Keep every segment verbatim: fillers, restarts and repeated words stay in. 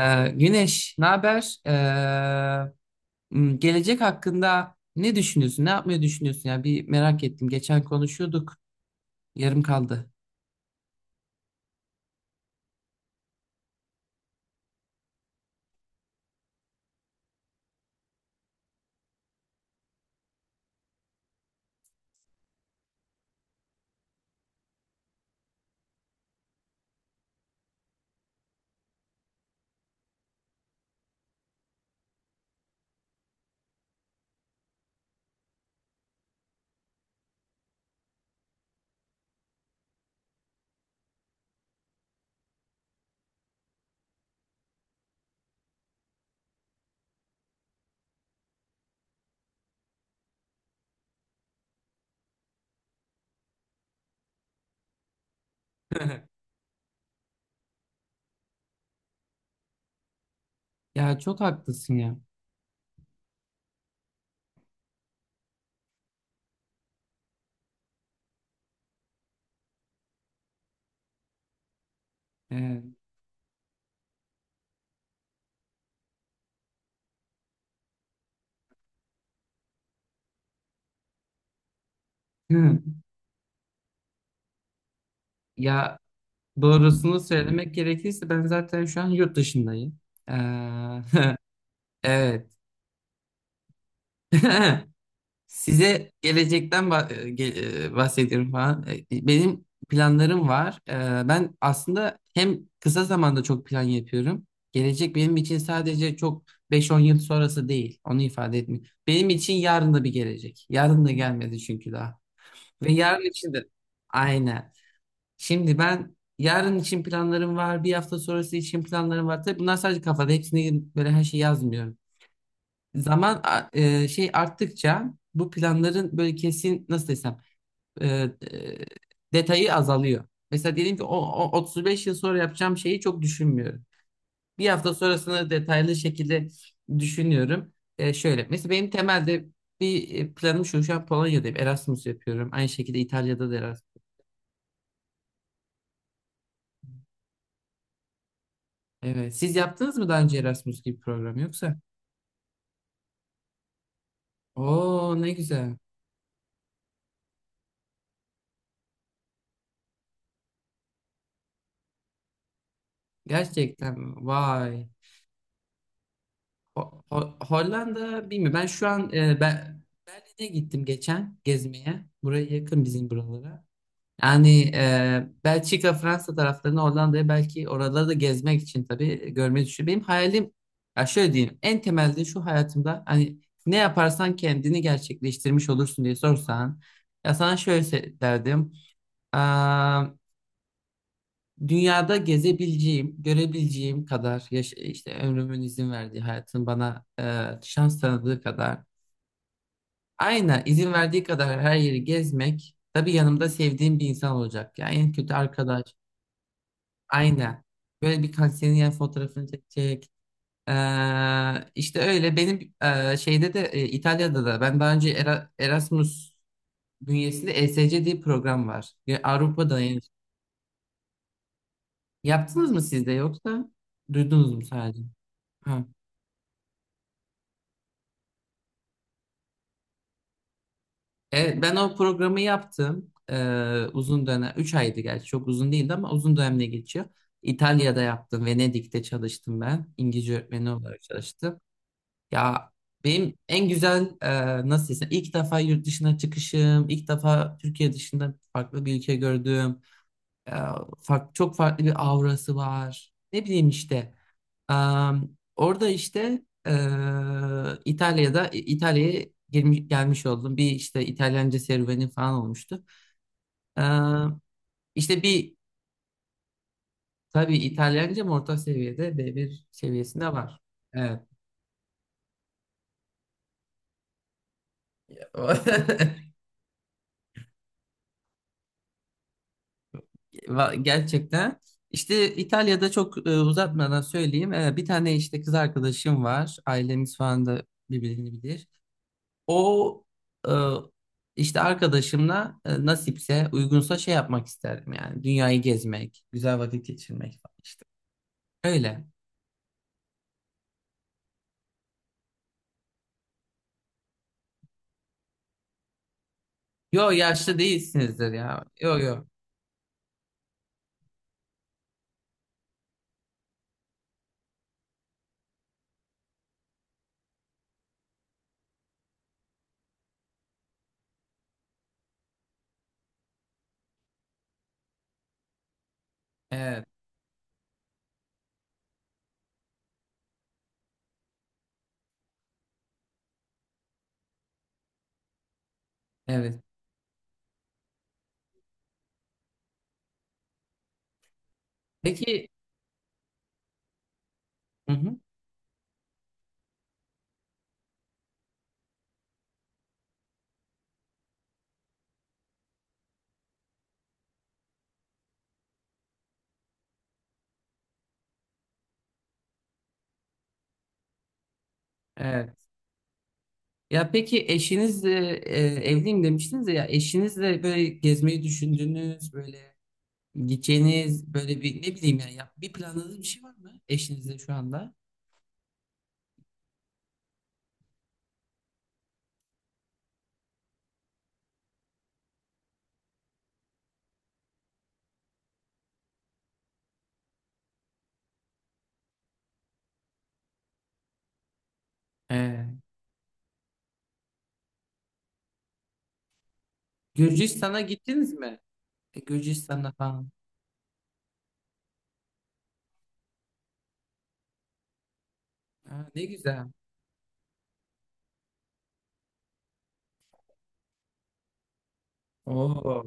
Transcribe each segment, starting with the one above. Ee, Güneş, ne haber? Ee, m, gelecek hakkında ne düşünüyorsun? Ne yapmayı düşünüyorsun ya? Bir merak ettim. Geçen konuşuyorduk, yarım kaldı. Ya çok haklısın ya. Ee, hı. Ya doğrusunu söylemek gerekirse ben zaten şu an yurt dışındayım. Ee, evet. Size gelecekten bah- e, ge- e, bahsediyorum falan. E, Benim planlarım var. E, Ben aslında hem kısa zamanda çok plan yapıyorum. Gelecek benim için sadece çok beş on yıl sonrası değil. Onu ifade etmiyor. Benim için yarın da bir gelecek. Yarın da gelmedi çünkü daha. Ve yarın için de aynen. Şimdi ben yarın için planlarım var. Bir hafta sonrası için planlarım var. Tabii bunlar sadece kafada. Hepsini böyle her şeyi yazmıyorum. Zaman a- e, şey arttıkça bu planların böyle kesin nasıl desem e, e, detayı azalıyor. Mesela diyelim ki o, o otuz beş yıl sonra yapacağım şeyi çok düşünmüyorum. Bir hafta sonrasını detaylı şekilde düşünüyorum. E, şöyle mesela benim temelde bir e, planım şu, şu an Polonya'dayım, Erasmus yapıyorum. Aynı şekilde İtalya'da da Erasmus. Evet. Siz yaptınız mı daha önce Erasmus gibi program, yoksa? Oo, ne güzel. Gerçekten mi? Vay. Ho- Ho- Hollanda bilmiyorum. Ben şu an e, ben Berlin'e gittim geçen gezmeye. Buraya yakın bizim buralara. Yani e, Belçika, Fransa taraflarına, Hollanda'ya, belki oraları da gezmek için tabii görmeyi düşünüyorum. Benim hayalim, ya şöyle diyeyim. En temelde şu hayatımda hani ne yaparsan kendini gerçekleştirmiş olursun diye sorsan, ya sana şöyle se- derdim. Dünyada gezebileceğim, görebileceğim kadar yaş, işte ömrümün izin verdiği, hayatın bana e, şans tanıdığı kadar, aynen izin verdiği kadar her yeri gezmek, tabii yanımda sevdiğim bir insan olacak. Yani en kötü arkadaş, aynen. Böyle bir senin yani fotoğrafını çekecek. E, işte öyle benim e, şeyde de e, İtalya'da da ben daha önce Era- Erasmus bünyesinde E S C diye bir program var. Ya Avrupa'da yani. Yaptınız mı siz de, yoksa duydunuz mu sadece? Ha. Evet, ben o programı yaptım. Ee, uzun dönem, üç aydı gerçi, çok uzun değildi ama uzun dönemle geçiyor. İtalya'da yaptım, Venedik'te çalıştım ben. İngilizce öğretmeni olarak çalıştım. Ya benim en güzel e, nasıl desem ilk defa yurt dışına çıkışım, ilk defa Türkiye dışında farklı bir ülke gördüm. E, fark- Çok farklı bir aurası var. Ne bileyim işte. Am, Orada işte eee, İtalya'da, İtalya'ya gelmiş, gelmiş oldum. Bir işte İtalyanca serüveni falan olmuştu. Eee işte bir, tabii İtalyancam orta seviyede, B bir seviyesinde var. Evet. Va- Gerçekten. İşte İtalya'da çok, e, uzatmadan söyleyeyim. E, bir tane işte kız arkadaşım var. Ailemiz falan da birbirini bilir. O e, işte arkadaşımla e, nasipse, uygunsa şey yapmak isterdim yani. Dünyayı gezmek, güzel vakit geçirmek falan işte. Öyle. Yo, yaşlı değilsinizdir ya. Yo yo. Evet. Evet. Peki. Hı hı. Evet. Ya peki eşinizle e, evliyim demiştiniz ya, eşinizle böyle gezmeyi düşündüğünüz, böyle gideceğiniz böyle bir ne bileyim yani ya, bir planladığınız bir şey var mı eşinizle şu anda? Ee, Gürcistan'a gittiniz mi? E, Gürcistan'a falan. Aa, ne güzel. Oo.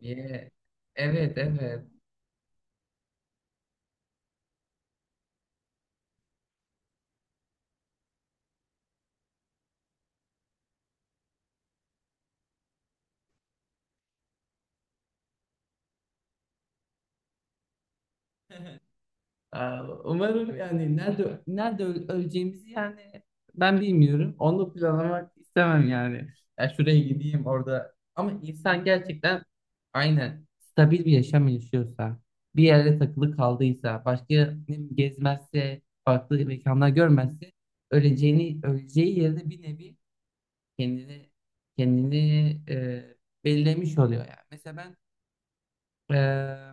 Yeah. Evet, evet. Aa, umarım yani nerede, nerede öl- öleceğimizi yani ben bilmiyorum. Onu planlamak istemem yani. Ya şuraya gideyim orada. Ama insan gerçekten aynen stabil bir yaşam yaşıyorsa, bir yerde takılı kaldıysa, başka ne bileyim, gezmezse, farklı mekanlar görmezse, öleceğini, öleceği yerde bir nevi kendini kendini e, belirlemiş oluyor yani. Mesela ben, Ee,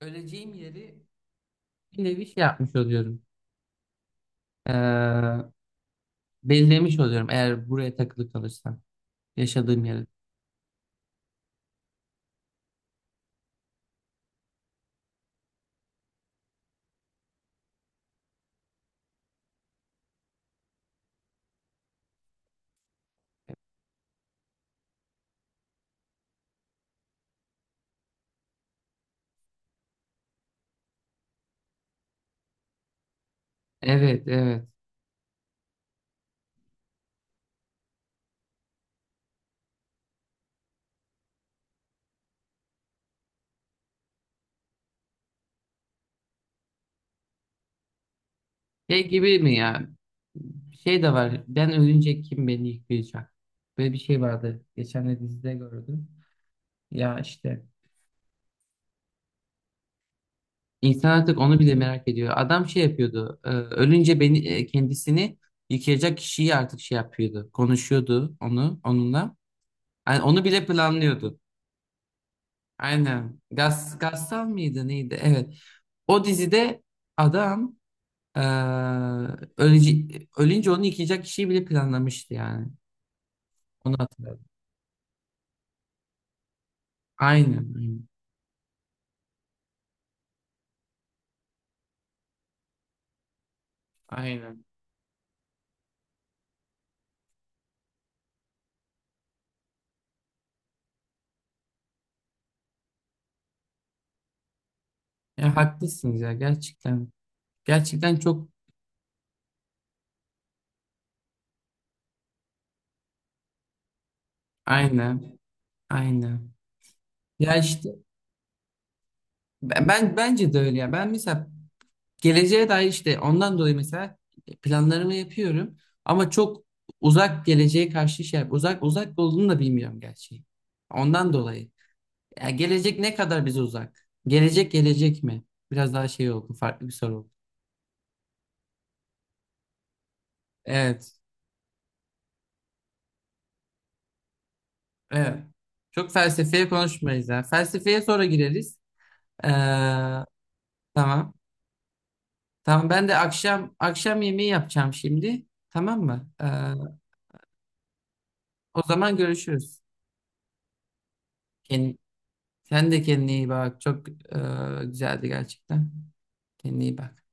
öleceğim yeri bir nevi şey yapmış oluyorum. Ee, Belirlemiş oluyorum eğer buraya takılı kalırsam. Yaşadığım yeri. Evet, evet. Şey gibi mi ya? Bir şey de var. Ben ölünce kim beni yıkayacak? Böyle bir şey vardı. Geçen de dizide gördüm. Ya işte İnsan artık onu bile merak ediyor. Adam şey yapıyordu. e, Ölünce beni, e, kendisini yıkayacak kişiyi artık şey yapıyordu. Konuşuyordu onu, onunla. Yani onu bile planlıyordu. Aynen. Gaz, Gassal mıydı neydi? Evet. O dizide adam, e, ölünce, ölünce onu yıkayacak kişiyi bile planlamıştı yani. Onu hatırladım. Aynen. Aynen. Aynen. Ya haklısınız ya, gerçekten. Gerçekten çok aynen. Aynen. Ya işte Ben, ben- bence de öyle ya. Ben mesela geleceğe dair, işte ondan dolayı mesela planlarımı yapıyorum ama çok uzak geleceğe karşı şey, uzak uzak olduğunu da bilmiyorum gerçi. Ondan dolayı. Ya gelecek ne kadar bize uzak? Gelecek gelecek mi? Biraz daha şey oldu, farklı bir soru oldu. Evet. Evet. Çok felsefeye konuşmayız ya. Felsefeye sonra gireriz. Ee, tamam. Tamam, ben de akşam, akşam yemeği yapacağım şimdi. Tamam mı? Ee, o zaman görüşürüz. Kendine, sen de kendine iyi bak. Çok e, güzeldi gerçekten. Kendine iyi bak.